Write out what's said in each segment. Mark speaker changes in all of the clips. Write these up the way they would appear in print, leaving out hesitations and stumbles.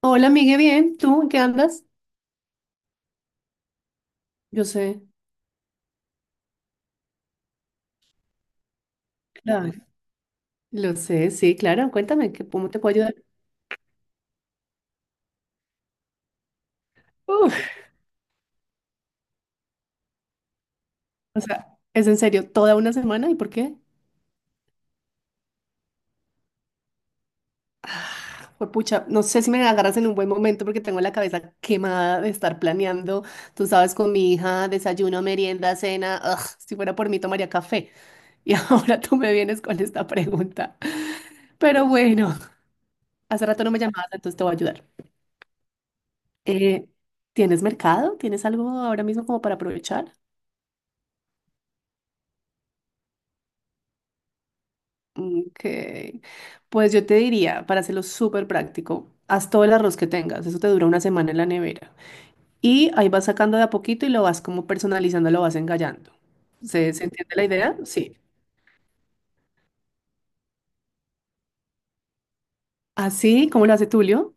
Speaker 1: Hola, Miguel, bien. ¿Tú en qué andas? Yo sé. Claro. Lo sé, sí, claro. Cuéntame, ¿cómo te puedo ayudar? Uf, o sea, ¿es en serio, toda una semana? ¿Y por qué? Pues pucha, no sé si me agarras en un buen momento porque tengo la cabeza quemada de estar planeando, tú sabes, con mi hija, desayuno, merienda, cena. Si fuera por mí, tomaría café. Y ahora tú me vienes con esta pregunta. Pero bueno, hace rato no me llamabas, entonces te voy a ayudar. Eh, ¿Tienes mercado? ¿Tienes algo ahora mismo como para aprovechar? Ok. Pues yo te diría, para hacerlo súper práctico, haz todo el arroz que tengas, eso te dura una semana en la nevera. Y ahí vas sacando de a poquito y lo vas como personalizando, lo vas engallando. ¿Se entiende la idea? Sí. Así como lo hace Tulio,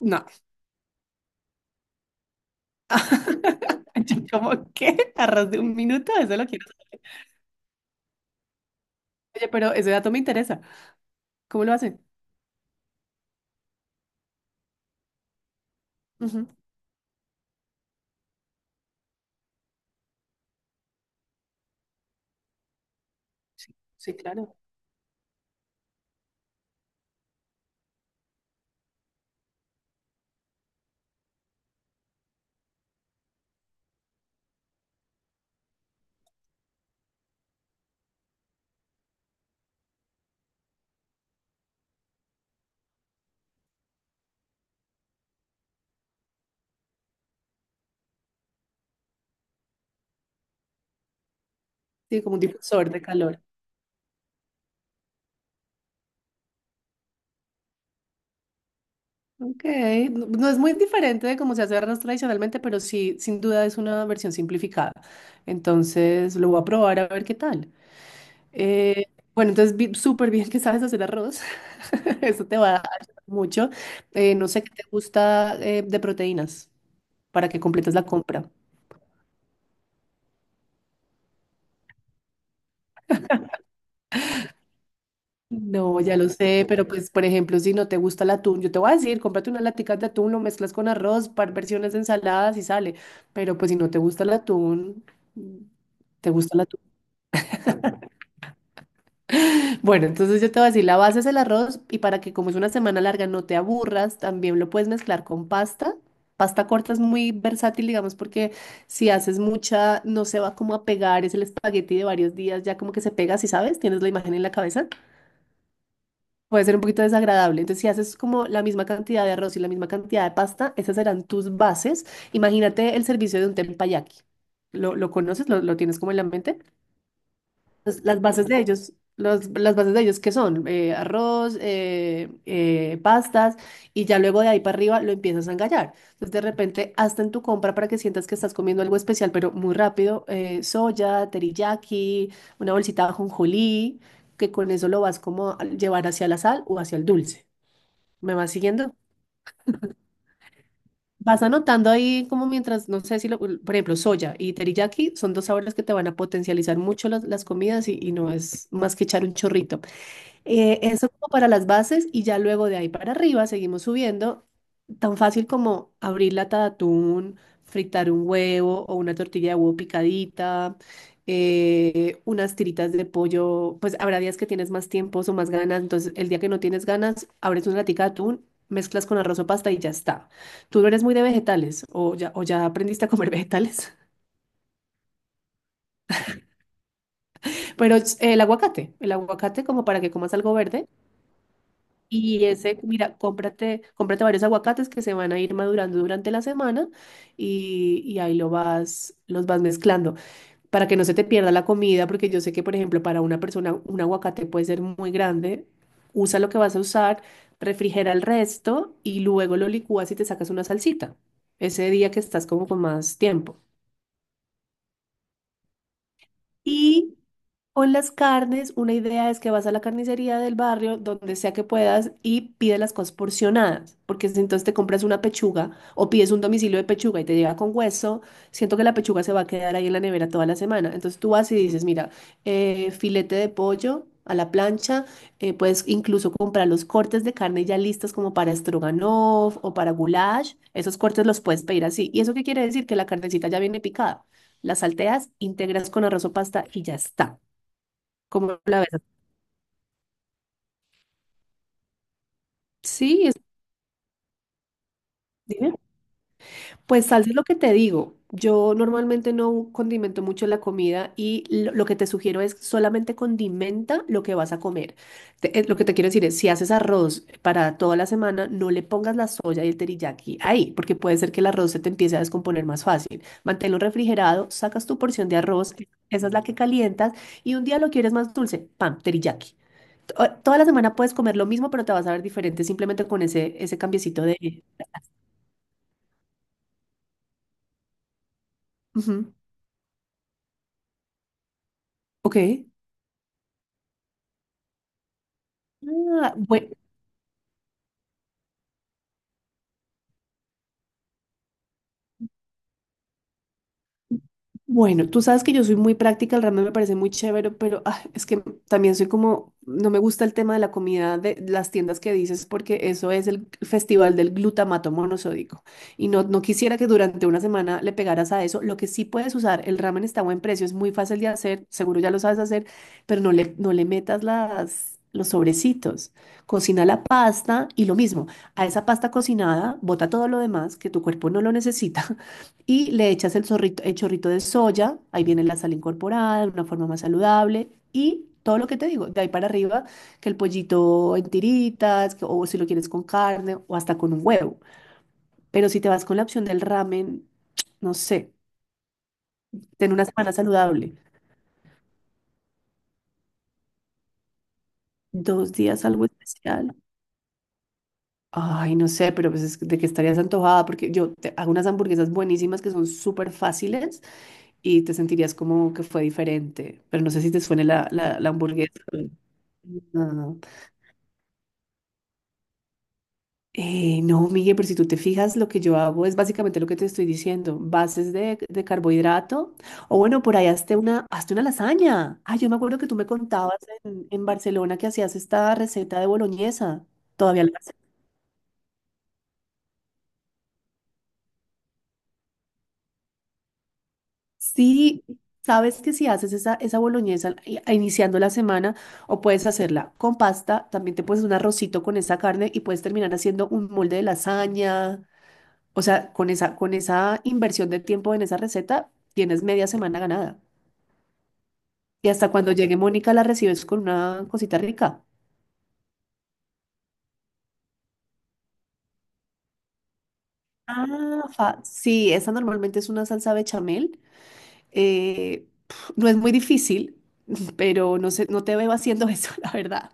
Speaker 1: no. Yo como, ¿qué? ¿Arroz de un minuto? Eso lo quiero saber. Oye, pero ese dato me interesa. ¿Cómo lo hace? Ujú. Sí, sí, claro. Sí, como un difusor de calor. Ok, no, no es muy diferente de cómo se hace arroz tradicionalmente, pero sí, sin duda es una versión simplificada. Entonces lo voy a probar a ver qué tal. Eh, bueno, entonces súper bien que sabes hacer arroz. Eso te va a ayudar mucho. No sé qué te gusta de proteínas para que completes la compra. No, ya lo sé, pero pues, por ejemplo, si no te gusta el atún, yo te voy a decir, cómprate unas laticas de atún, lo mezclas con arroz, par versiones de ensaladas y sale. Pero pues si no te gusta el atún, ¿te gusta el atún? Bueno, entonces yo te voy a decir, la base es el arroz y para que como es una semana larga no te aburras, también lo puedes mezclar con pasta. Pasta corta es muy versátil, digamos, porque si haces mucha, no se va como a pegar, es el espagueti de varios días, ya como que se pega, si sabes, tienes la imagen en la cabeza, puede ser un poquito desagradable. Entonces, si haces como la misma cantidad de arroz y la misma cantidad de pasta, esas serán tus bases. Imagínate el servicio de un tempayaki. ¿Lo conoces? ¿Lo tienes como en la mente? Las bases de ellos, las bases de ellos, ¿qué son? Arroz, pastas, y ya luego de ahí para arriba lo empiezas a engallar. Entonces, de repente, hasta en tu compra para que sientas que estás comiendo algo especial, pero muy rápido, soya, teriyaki, una bolsita de ajonjolí, que con eso lo vas como a llevar hacia la sal o hacia el dulce. ¿Me vas siguiendo? Vas anotando ahí como mientras, no sé si lo, por ejemplo, soya y teriyaki son dos sabores que te van a potencializar mucho las comidas y no es más que echar un chorrito. Eso como para las bases y ya luego de ahí para arriba seguimos subiendo. Tan fácil como abrir lata de atún, fritar un huevo o una tortilla de huevo picadita, unas tiritas de pollo. Pues habrá días que tienes más tiempos o más ganas. Entonces, el día que no tienes ganas, abres una latica de atún, mezclas con arroz o pasta y ya está. Tú no eres muy de vegetales o ya aprendiste a comer vegetales. Pero el aguacate como para que comas algo verde. Y ese, mira, cómprate varios aguacates que se van a ir madurando durante la semana y ahí lo vas, los vas mezclando para que no se te pierda la comida, porque yo sé que, por ejemplo, para una persona un aguacate puede ser muy grande. Usa lo que vas a usar, refrigera el resto y luego lo licúas y te sacas una salsita ese día que estás como con más tiempo. y O en las carnes, una idea es que vas a la carnicería del barrio, donde sea que puedas, y pides las cosas porcionadas, porque si entonces te compras una pechuga o pides un domicilio de pechuga y te llega con hueso, siento que la pechuga se va a quedar ahí en la nevera toda la semana. Entonces tú vas y dices, mira, filete de pollo a la plancha, puedes incluso comprar los cortes de carne ya listos como para stroganoff o para goulash, esos cortes los puedes pedir así. ¿Y eso qué quiere decir? Que la carnecita ya viene picada. La salteas, integras con arroz o pasta y ya está como la verdad. Sí, es, dime. Pues salsa es lo que te digo. Yo normalmente no condimento mucho la comida y lo que te sugiero es solamente condimenta lo que vas a comer. Lo que te quiero decir es, si haces arroz para toda la semana, no le pongas la soya y el teriyaki ahí, porque puede ser que el arroz se te empiece a descomponer más fácil. Manténlo refrigerado, sacas tu porción de arroz, esa es la que calientas y un día lo quieres más dulce, pam, teriyaki. Toda la semana puedes comer lo mismo, pero te vas a ver diferente simplemente con ese cambiecito de... Ujú. Ok. Ah, bueno, tú sabes que yo soy muy práctica, el ramen me parece muy chévere, pero es que también soy como, no me gusta el tema de la comida de las tiendas que dices, porque eso es el festival del glutamato monosódico. Y no, no quisiera que durante una semana le pegaras a eso. Lo que sí puedes usar, el ramen está a buen precio, es muy fácil de hacer, seguro ya lo sabes hacer, pero no le metas los sobrecitos. Cocina la pasta y lo mismo, a esa pasta cocinada, bota todo lo demás que tu cuerpo no lo necesita. Le echas el chorrito de soya, ahí viene la sal incorporada de una forma más saludable y todo lo que te digo, de ahí para arriba, que el pollito en tiritas, o si lo quieres con carne o hasta con un huevo. Pero si te vas con la opción del ramen, no sé, ten una semana saludable, dos días algo especial. Ay, no sé, pero pues de que estarías antojada, porque yo te hago unas hamburguesas buenísimas que son súper fáciles y te sentirías como que fue diferente, pero no sé si te suene la hamburguesa. Ah, no, Miguel, pero si tú te fijas, lo que yo hago es básicamente lo que te estoy diciendo, bases de carbohidrato, o bueno, por ahí hazte una lasaña. Ah, yo me acuerdo que tú me contabas en Barcelona que hacías esta receta de boloñesa. ¿Todavía la haces? Sí, sabes que si haces esa boloñesa iniciando la semana, o puedes hacerla con pasta, también te puedes un arrocito con esa carne y puedes terminar haciendo un molde de lasaña. O sea, con con esa inversión de tiempo en esa receta, tienes media semana ganada. Y hasta cuando llegue Mónica la recibes con una cosita rica. Sí, esa normalmente es una salsa bechamel. No es muy difícil, pero no sé, no te veo haciendo eso, la verdad.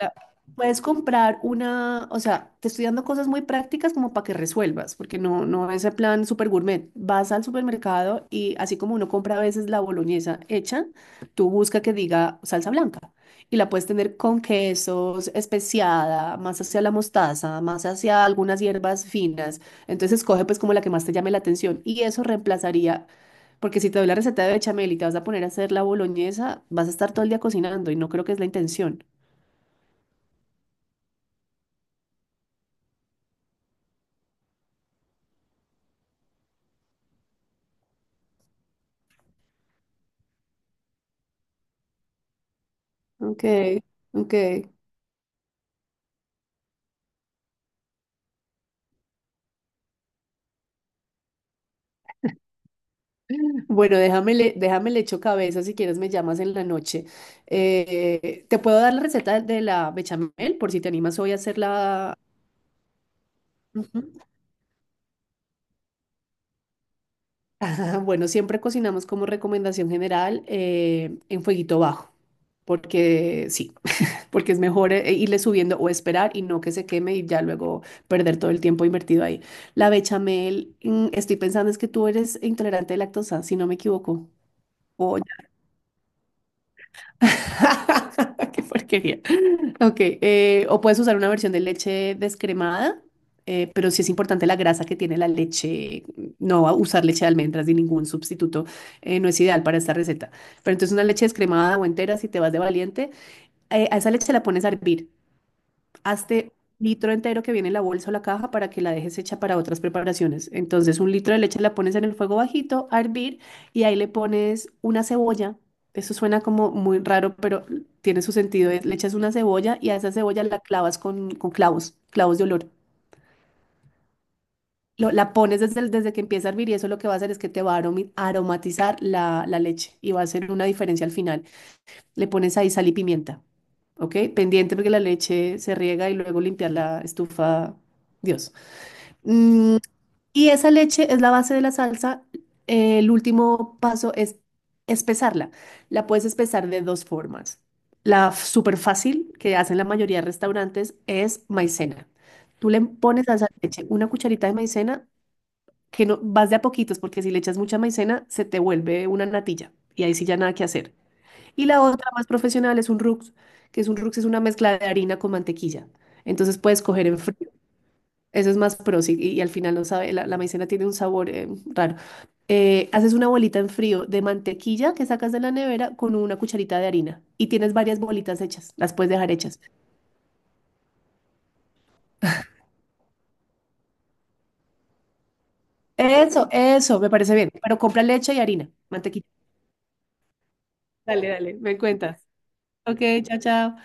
Speaker 1: la- Puedes comprar una, o sea, te estoy dando cosas muy prácticas como para que resuelvas, porque no, no es el plan super gourmet. Vas al supermercado y así como uno compra a veces la boloñesa hecha, tú busca que diga salsa blanca y la puedes tener con quesos, especiada, más hacia la mostaza, más hacia algunas hierbas finas. Entonces escoge pues como la que más te llame la atención y eso reemplazaría. Porque si te doy la receta de bechamel y te vas a poner a hacer la boloñesa, vas a estar todo el día cocinando y no creo que es la intención. Ok, ok. Bueno, déjame le echo cabeza, si quieres me llamas en la noche. ¿Te puedo dar la receta de la bechamel por si te animas hoy a hacerla? Ujú. Bueno, siempre cocinamos como recomendación general en fueguito bajo, porque sí, porque es mejor irle subiendo o esperar y no que se queme y ya luego perder todo el tiempo invertido ahí. La bechamel, mm, estoy pensando es que tú eres intolerante de lactosa, si no me equivoco. O Qué porquería. Ok, o puedes usar una versión de leche descremada, pero sí es importante la grasa que tiene la leche. No va a usar leche de almendras ni ningún sustituto, no es ideal para esta receta. Pero entonces una leche descremada o entera, si te vas de valiente, a esa leche la pones a hervir. Hazte un litro entero que viene en la bolsa o la caja para que la dejes hecha para otras preparaciones. Entonces, un litro de leche la pones en el fuego bajito a hervir y ahí le pones una cebolla. Eso suena como muy raro, pero tiene su sentido. Le echas una cebolla y a esa cebolla la clavas con clavos, clavos de olor. La pones desde que empieza a hervir y eso lo que va a hacer es que te va a aromatizar la leche y va a hacer una diferencia al final. Le pones ahí sal y pimienta, ¿ok? Pendiente porque la leche se riega y luego limpiar la estufa, Dios. Mm, y esa leche es la base de la salsa. El último paso es espesarla. La puedes espesar de dos formas. Súper fácil que hacen la mayoría de restaurantes es maicena. Tú le pones a esa leche una cucharita de maicena, que no vas de a poquitos, porque si le echas mucha maicena, se te vuelve una natilla. Y ahí sí ya nada que hacer. Y la otra más profesional es un rux, que es un rux es una mezcla de harina con mantequilla. Entonces puedes coger en frío. Eso es más pro, sí, y al final no sabe, la maicena tiene un sabor raro. Haces una bolita en frío de mantequilla que sacas de la nevera con una cucharita de harina y tienes varias bolitas hechas, las puedes dejar hechas. Eso, me parece bien. Pero compra leche y harina, mantequilla. Dale, dale, me cuentas. Ok, chao, chao.